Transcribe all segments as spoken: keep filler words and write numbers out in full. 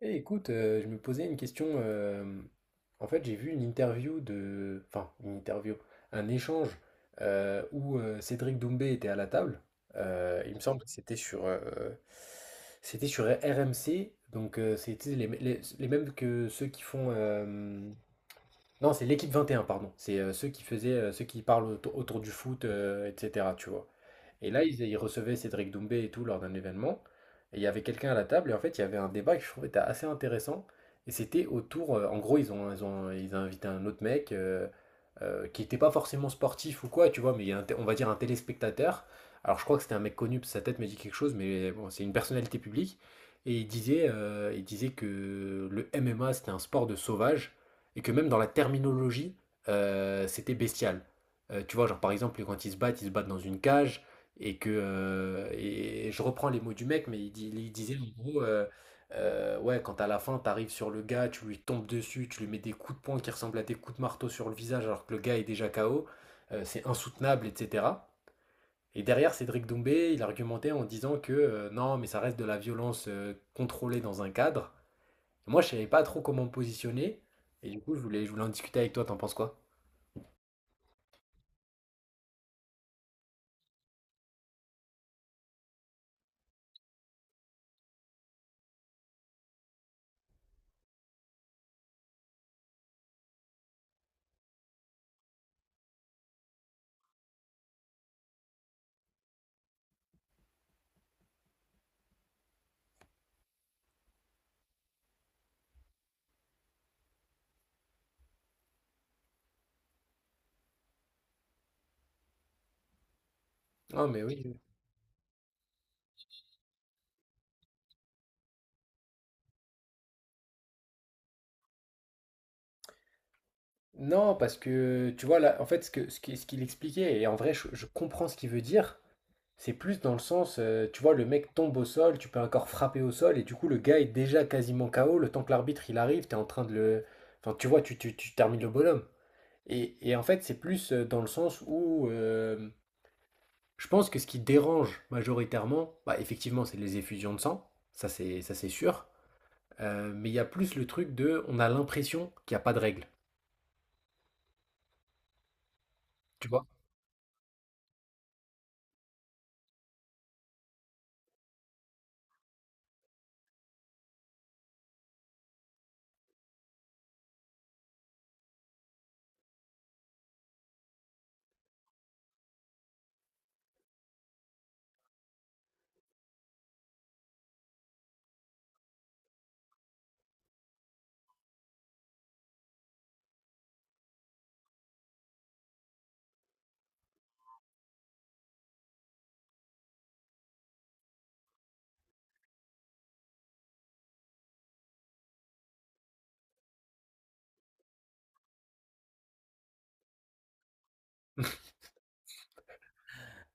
Eh, écoute, euh, je me posais une question. Euh, en fait, j'ai vu une interview de, enfin, une interview, un échange euh, où euh, Cédric Doumbé était à la table. Euh, il me semble que c'était sur, euh, c'était sur R M C. Donc, euh, c'était les, les- les mêmes que ceux qui font. Euh, non, c'est l'équipe vingt et un, pardon. C'est euh, ceux qui faisaient, euh, ceux qui parlent autour, autour du foot, euh, et cetera. Tu vois. Et là, ils, ils recevaient Cédric Doumbé et tout lors d'un événement. Et il y avait quelqu'un à la table, et en fait, il y avait un débat que je trouvais était assez intéressant. Et c'était autour, euh, en gros, ils ont, ils ont, ils ont invité un autre mec euh, euh, qui n'était pas forcément sportif ou quoi, tu vois, mais il y a un on va dire un téléspectateur. Alors, je crois que c'était un mec connu, sa tête me dit quelque chose, mais bon, c'est une personnalité publique. Et il disait, euh, il disait que le M M A, c'était un sport de sauvage, et que même dans la terminologie, euh, c'était bestial. Euh, tu vois, genre par exemple, quand ils se battent, ils se battent dans une cage, et que euh, et je reprends les mots du mec, mais il, dit- il disait en gros, euh, euh, ouais, quand à la fin t'arrives sur le gars, tu lui tombes dessus, tu lui mets des coups de poing qui ressemblent à des coups de marteau sur le visage alors que le gars est déjà K O, euh, c'est insoutenable, et cetera. Et derrière, Cédric Doumbé, il argumentait en disant que euh, non, mais ça reste de la violence euh, contrôlée dans un cadre. Moi, je savais pas trop comment me positionner, et du coup, je voulais, je voulais en discuter avec toi, t'en penses quoi? Ah, mais oui. Non, parce que tu vois là, en fait, ce que, ce qui- ce qu'il expliquait, et en vrai, je, je comprends ce qu'il veut dire, c'est plus dans le sens, euh, tu vois, le mec tombe au sol, tu peux encore frapper au sol, et du coup, le gars est déjà quasiment K O, le temps que l'arbitre il arrive, t'es en train de le. Enfin, tu vois, tu, tu, tu termines le bonhomme. Et, et en fait, c'est plus euh, dans le sens où euh, je pense que ce qui dérange majoritairement, bah, effectivement, c'est les effusions de sang, ça c'est ça c'est sûr. Euh, mais il y a plus le truc de on a l'impression qu'il n'y a pas de règle.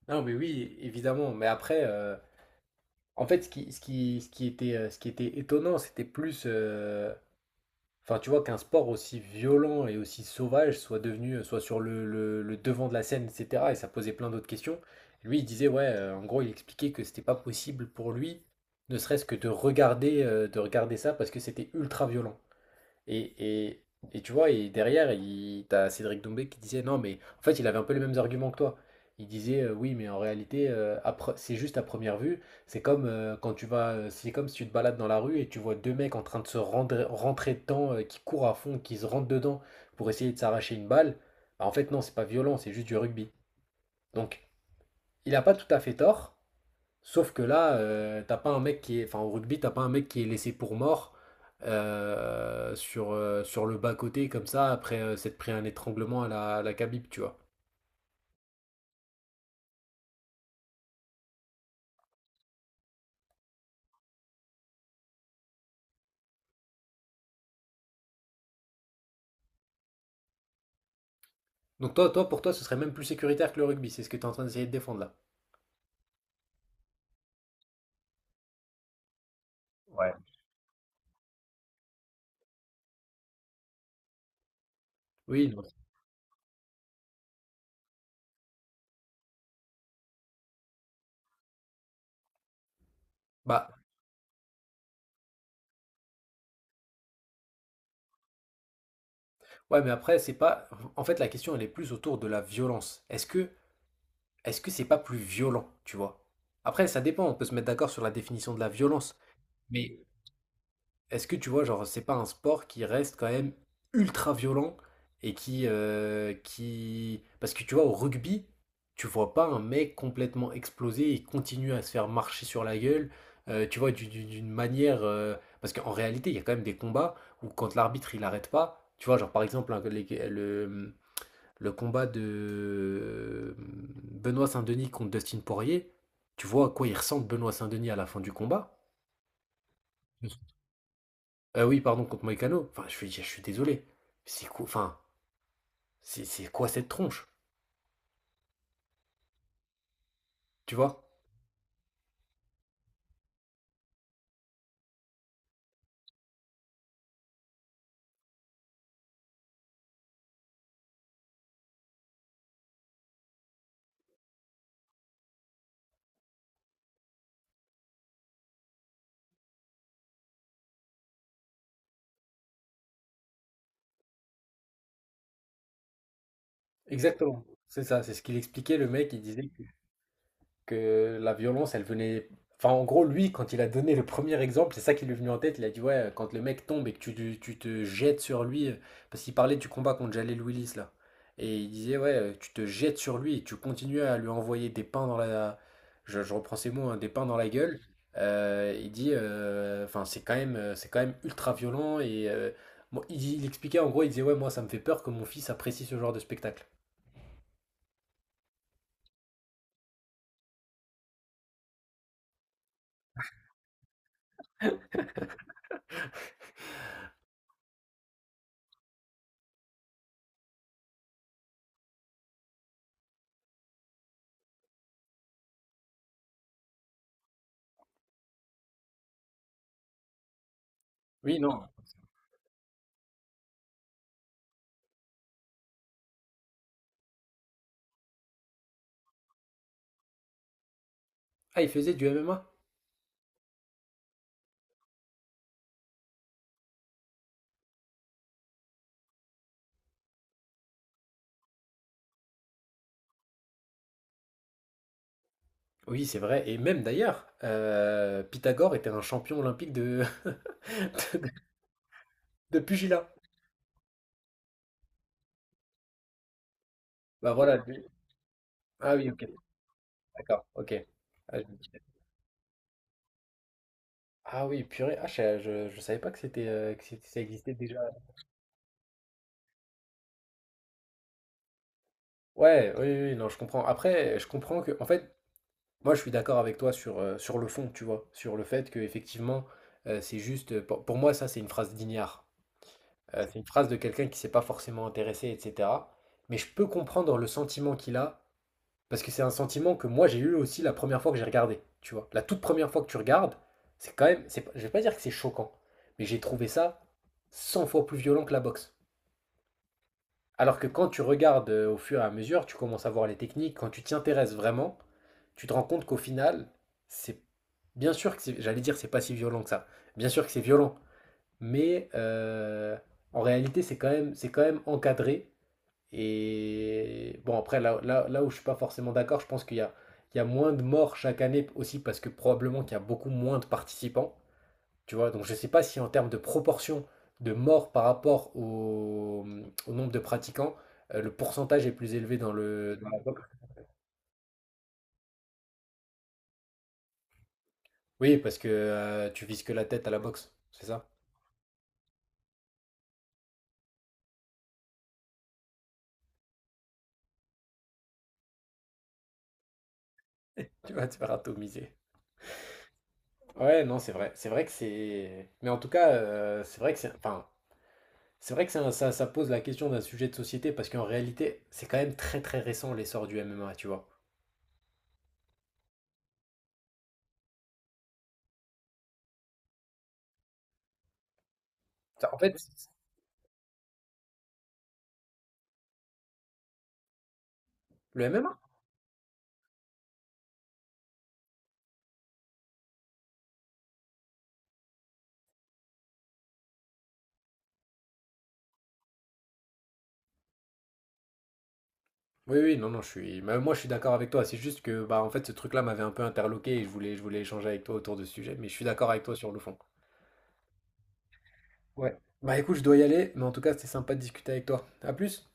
Non, mais oui, évidemment. Mais après, euh, en fait, ce qui, ce qui, ce qui était, euh, ce qui était étonnant, c'était plus. euh, Enfin, tu vois, qu'un sport aussi violent et aussi sauvage soit devenu, euh, soit sur le, le- le devant de la scène, et cetera. Et ça posait plein d'autres questions. Lui, il disait, ouais, euh, en gros, il expliquait que c'était pas possible pour lui, ne serait-ce que de regarder, euh, de regarder ça parce que c'était ultra violent. Et, et, et tu vois, et derrière, il, t'as Cédric Doumbé qui disait non, mais en fait, il avait un peu les mêmes arguments que toi. Il disait euh, oui, mais en réalité, euh, à pre- c'est juste à première vue. C'est comme euh, quand tu vas, euh, c'est comme si tu te balades dans la rue et tu vois deux mecs en train de se rendre- rentrer dedans, euh, qui courent à fond, qui se rentrent dedans pour essayer de s'arracher une balle. Bah, en fait, non, c'est pas violent, c'est juste du rugby. Donc, il n'a pas tout à fait tort, sauf que là, euh, t'as pas un mec qui est, enfin au rugby, t'as pas un mec qui est laissé pour mort euh, sur, euh, sur le bas-côté comme ça après euh, s'être pris un étranglement à la, à la Khabib, tu vois. Donc toi, toi, pour toi, ce serait même plus sécuritaire que le rugby, c'est ce que tu es en train d'essayer de défendre là. Ouais. Oui, non. Bah ouais, mais après, c'est pas. En fait, la question, elle est plus autour de la violence. Est-ce que est-ce que c'est pas plus violent, tu vois? Après, ça dépend, on peut se mettre d'accord sur la définition de la violence. Mais est-ce que tu vois, genre, c'est pas un sport qui reste quand même ultra violent et qui, euh, qui... Parce que tu vois, au rugby, tu vois pas un mec complètement explosé et continue à se faire marcher sur la gueule, euh, tu vois, du- du- d'une manière. euh, Parce qu'en réalité, il y a quand même des combats où quand l'arbitre, il arrête pas, tu vois, genre, par exemple, un- les- le, le combat de euh, Benoît Saint-Denis contre Dustin Poirier, tu vois à quoi il ressemble Benoît Saint-Denis à la fin du combat? Ah oui, pardon, contre Moïcano. Enfin, je suis, je suis désolé. C'est quoi, enfin, c'est c'est quoi cette tronche, tu vois? Exactement. C'est ça, c'est ce qu'il expliquait, le mec, il disait que la violence, elle venait. Enfin, en gros, lui, quand il a donné le premier exemple, c'est ça qui lui est venu en tête. Il a dit, ouais, quand le mec tombe et que tu, te- tu te jettes sur lui, euh, parce qu'il parlait du combat contre Jalel Willis, là. Et il disait, ouais, euh, tu te jettes sur lui et tu continues à lui envoyer des pains dans la. Je, je reprends ces mots, hein, des pains dans la gueule. Euh, il dit, euh, enfin, c'est quand même, euh, c'est quand même ultra violent. Et euh, bon, il, il expliquait, en gros, il disait, ouais, moi, ça me fait peur que mon fils apprécie ce genre de spectacle. Oui, non. Ah, il faisait du M M A? Oui, c'est vrai. Et même d'ailleurs, euh, Pythagore était un champion olympique de, de, de pugilat. Bah voilà. lui- Ah oui, ok, d'accord, ok. Ah, je- ah oui, purée. Ah, je, je, je savais pas que c'était euh, que c'était- ça existait déjà. Ouais, oui, oui, oui, non, je comprends. Après, je comprends que, en fait, moi, je suis d'accord avec toi sur, euh, sur le fond, tu vois, sur le fait que effectivement, euh, c'est juste, euh, pour, pour moi, ça, c'est une phrase d'ignare. Euh, c'est une phrase de quelqu'un qui s'est pas forcément intéressé, et cetera. Mais je peux comprendre le sentiment qu'il a. Parce que c'est un sentiment que moi j'ai eu aussi la première fois que j'ai regardé, tu vois. La toute première fois que tu regardes, c'est quand même, c'est, je vais pas dire que c'est choquant, mais j'ai trouvé ça cent fois plus violent que la boxe. Alors que quand tu regardes euh, au fur et à mesure, tu commences à voir les techniques, quand tu t'y intéresses vraiment, tu te rends compte qu'au final, c'est bien sûr que c'est, j'allais dire c'est pas si violent que ça. Bien sûr que c'est violent, mais euh, en réalité c'est quand même, c'est quand même encadré et bon, après, là, là, là où je suis pas forcément d'accord, je pense qu'il y a, il y a moins de morts chaque année aussi parce que probablement qu'il y a beaucoup moins de participants. Tu vois, donc je sais pas si en termes de proportion de morts par rapport au, au nombre de pratiquants, euh, le pourcentage est plus élevé dans le, dans la boxe. Oui, parce que euh, tu vises que la tête à la boxe, c'est ça? Tu vas te faire atomiser. Ouais, non, c'est vrai. C'est vrai que c'est. Mais en tout cas, euh, c'est vrai que c'est. Enfin, c'est vrai que c'est un- ça, ça pose la question d'un sujet de société parce qu'en réalité, c'est quand même très très récent l'essor du M M A, tu vois. Ça. En fait. Le M M A? Oui, oui, non, non, je suis, bah, moi je suis d'accord avec toi. C'est juste que, bah, en fait, ce truc-là m'avait un peu interloqué et je voulais, je voulais échanger avec toi autour de ce sujet, mais je suis d'accord avec toi sur le fond. Ouais. Bah, écoute, je dois y aller, mais en tout cas, c'était sympa de discuter avec toi. À plus!